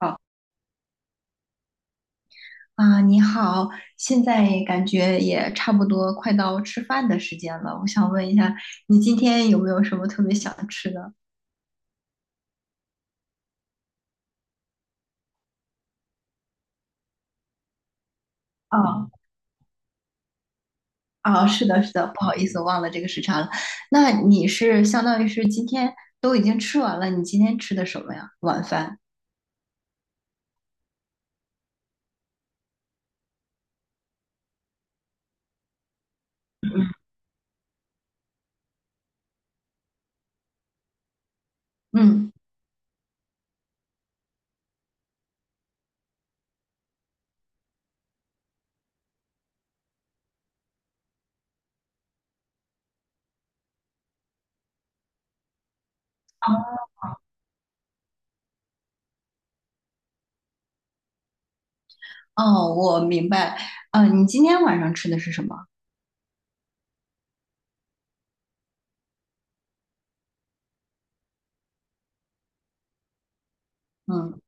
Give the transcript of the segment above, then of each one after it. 好啊，你好，现在感觉也差不多快到吃饭的时间了，我想问一下，你今天有没有什么特别想吃的？啊啊，是的，是的，不好意思，我忘了这个时差了。那你是相当于是今天都已经吃完了，你今天吃的什么呀？晚饭？嗯。哦，我明白。啊，你今天晚上吃的是什么？嗯。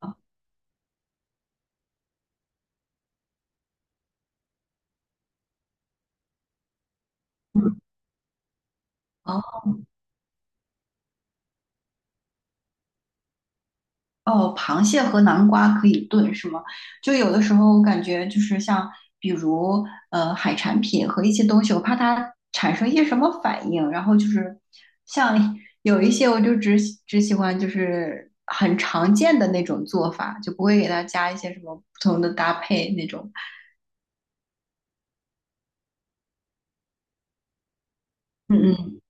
哦哦哦，螃蟹和南瓜可以炖是吗？就有的时候我感觉就是像，比如海产品和一些东西，我怕它产生一些什么反应，然后就是像有一些我就只喜欢就是很常见的那种做法，就不会给它加一些什么不同的搭配那种。嗯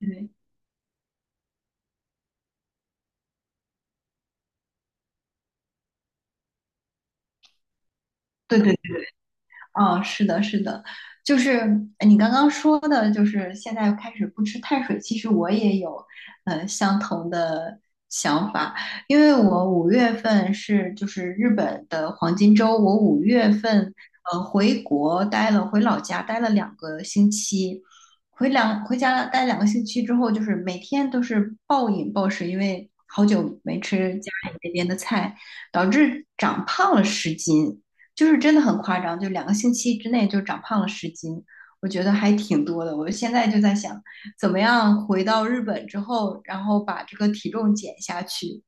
嗯，对对，哦，是的，是的，就是你刚刚说的，就是现在开始不吃碳水。其实我也有，相同的想法，因为我五月份就是日本的黄金周，我五月份回国待了，回老家待了两个星期，回家待两个星期之后，就是每天都是暴饮暴食，因为好久没吃家里那边的菜，导致长胖了十斤。就是真的很夸张，就两个星期之内就长胖了十斤，我觉得还挺多的。我现在就在想，怎么样回到日本之后，然后把这个体重减下去。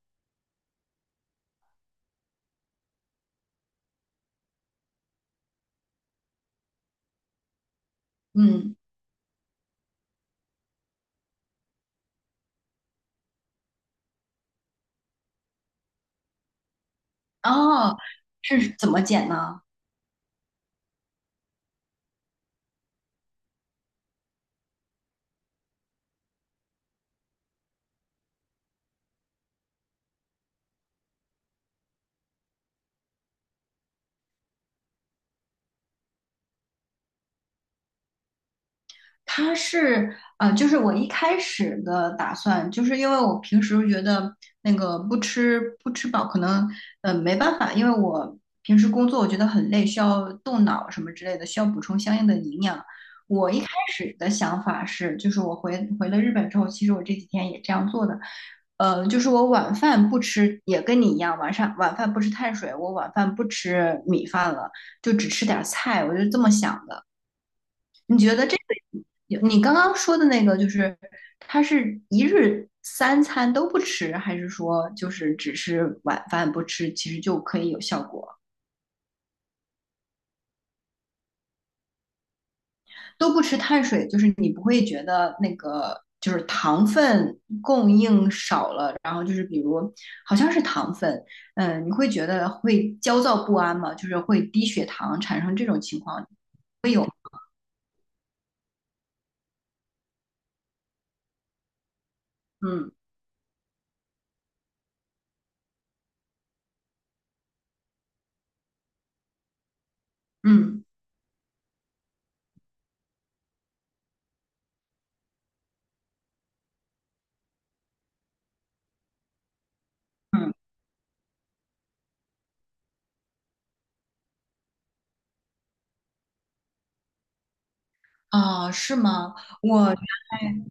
嗯。哦，是怎么减呢？它是就是我一开始的打算，就是因为我平时觉得那个不吃饱，可能没办法，因为我平时工作我觉得很累，需要动脑什么之类的，需要补充相应的营养。我一开始的想法是，就是我回了日本之后，其实我这几天也这样做的，就是我晚饭不吃，也跟你一样，晚上晚饭不吃碳水，我晚饭不吃米饭了，就只吃点菜，我就这么想的。你觉得这个你刚刚说的那个，就是他是一日三餐都不吃，还是说就是只是晚饭不吃，其实就可以有效果？都不吃碳水，就是你不会觉得那个就是糖分供应少了，然后就是比如好像是糖分，嗯，你会觉得会焦躁不安吗？就是会低血糖产生这种情况？嗯嗯嗯，嗯啊，是吗？我原来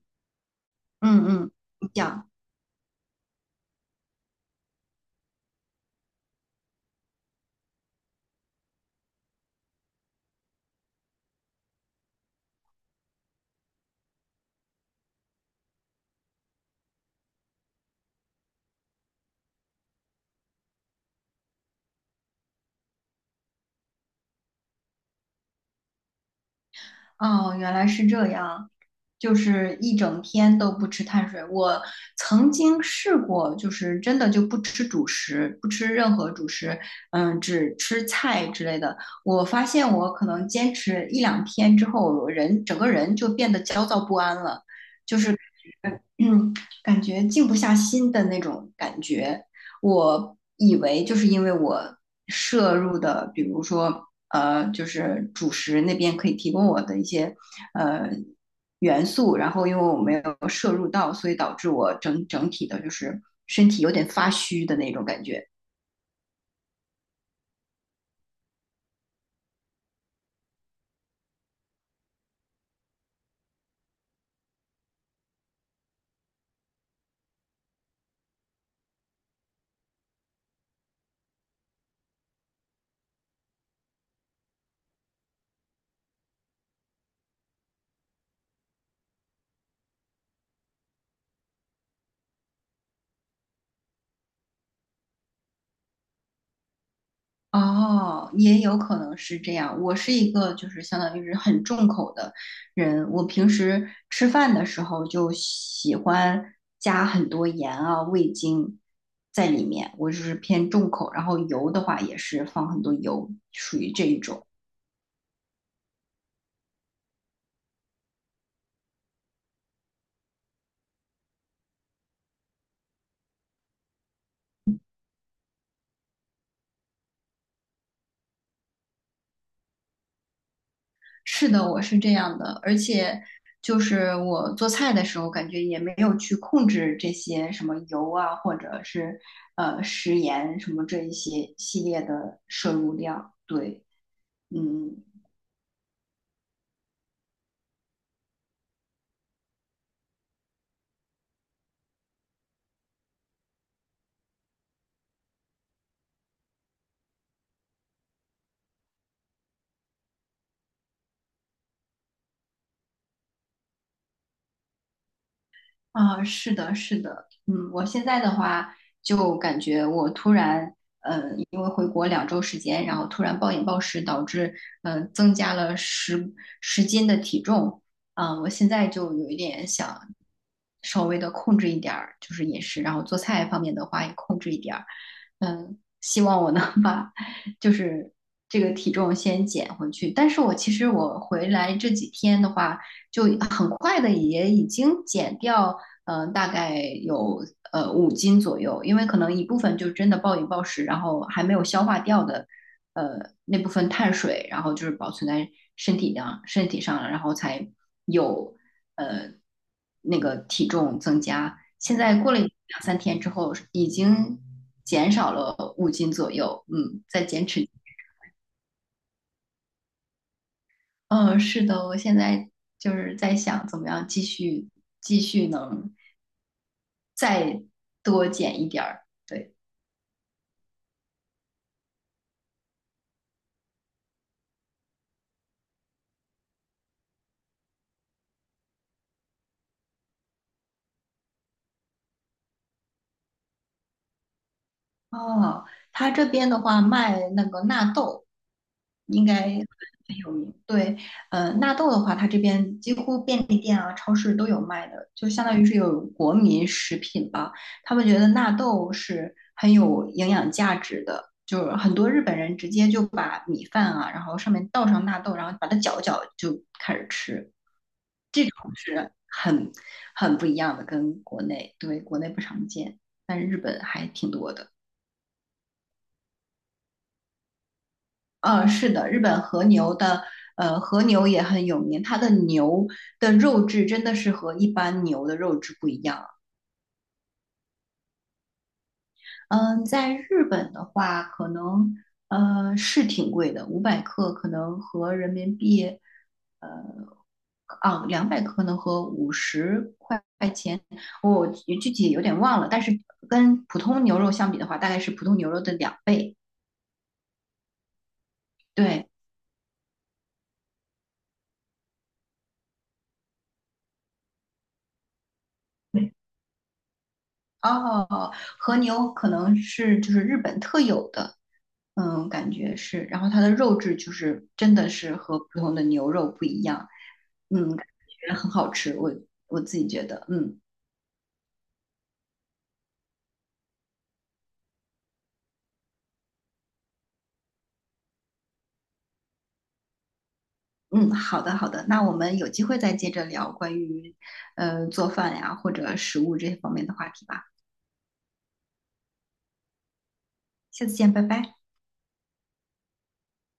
嗯嗯，你讲。哦，原来是这样，就是一整天都不吃碳水。我曾经试过，就是真的就不吃主食，不吃任何主食，嗯，只吃菜之类的。我发现我可能坚持一两天之后，我人整个人就变得焦躁不安了，就是嗯，感觉静不下心的那种感觉。我以为就是因为我摄入的，比如说就是主食那边可以提供我的一些呃元素，然后因为我没有摄入到，所以导致我整体的就是身体有点发虚的那种感觉。哦，也有可能是这样。我是一个就是相当于是很重口的人，我平时吃饭的时候就喜欢加很多盐啊、味精在里面，我就是偏重口。然后油的话也是放很多油，属于这一种。是的，我是这样的，而且就是我做菜的时候，感觉也没有去控制这些什么油啊，或者是食盐什么这一些系列的摄入量，对。嗯，啊，是的，是的，嗯，我现在的话就感觉我突然，因为回国2周时间，然后突然暴饮暴食，导致增加了十斤的体重，嗯，我现在就有一点想稍微的控制一点儿，就是饮食，然后做菜方面的话也控制一点儿，嗯，希望我能 把就是这个体重先减回去，但是我其实我回来这几天的话。就很快的也已经减掉大概有五斤左右，因为可能一部分就真的暴饮暴食，然后还没有消化掉的，那部分碳水，然后就是保存在身体上了，然后才有呃那个体重增加。现在过了两三天之后，已经减少了五斤左右，嗯，在减脂。嗯，是的，我现在就是在想怎么样继续能再多减一点儿，对。哦，他这边的话卖那个纳豆，应该很有名。对，纳豆的话，它这边几乎便利店啊、超市都有卖的，就相当于是有国民食品吧。他们觉得纳豆是很有营养价值的，就是很多日本人直接就把米饭啊，然后上面倒上纳豆，然后把它搅一搅就开始吃，是很不一样的，跟国内，对，国内不常见，但是日本还挺多的。是的，日本和牛的，和牛也很有名，它的牛的肉质真的是和一般牛的肉质不一样。嗯，在日本的话，可能是挺贵的，500克可能和人民币，呃，200克可能和50块钱，我具体有点忘了，但是跟普通牛肉相比的话，大概是普通牛肉的2倍。对，哦，和牛可能就是日本特有的，嗯，感觉是，然后它的肉质就是真的是和普通的牛肉不一样，嗯，感觉很好吃，我自己觉得，嗯嗯，好的好的，那我们有机会再接着聊关于做饭呀或者食物这些方面的话题吧，下次见，拜拜。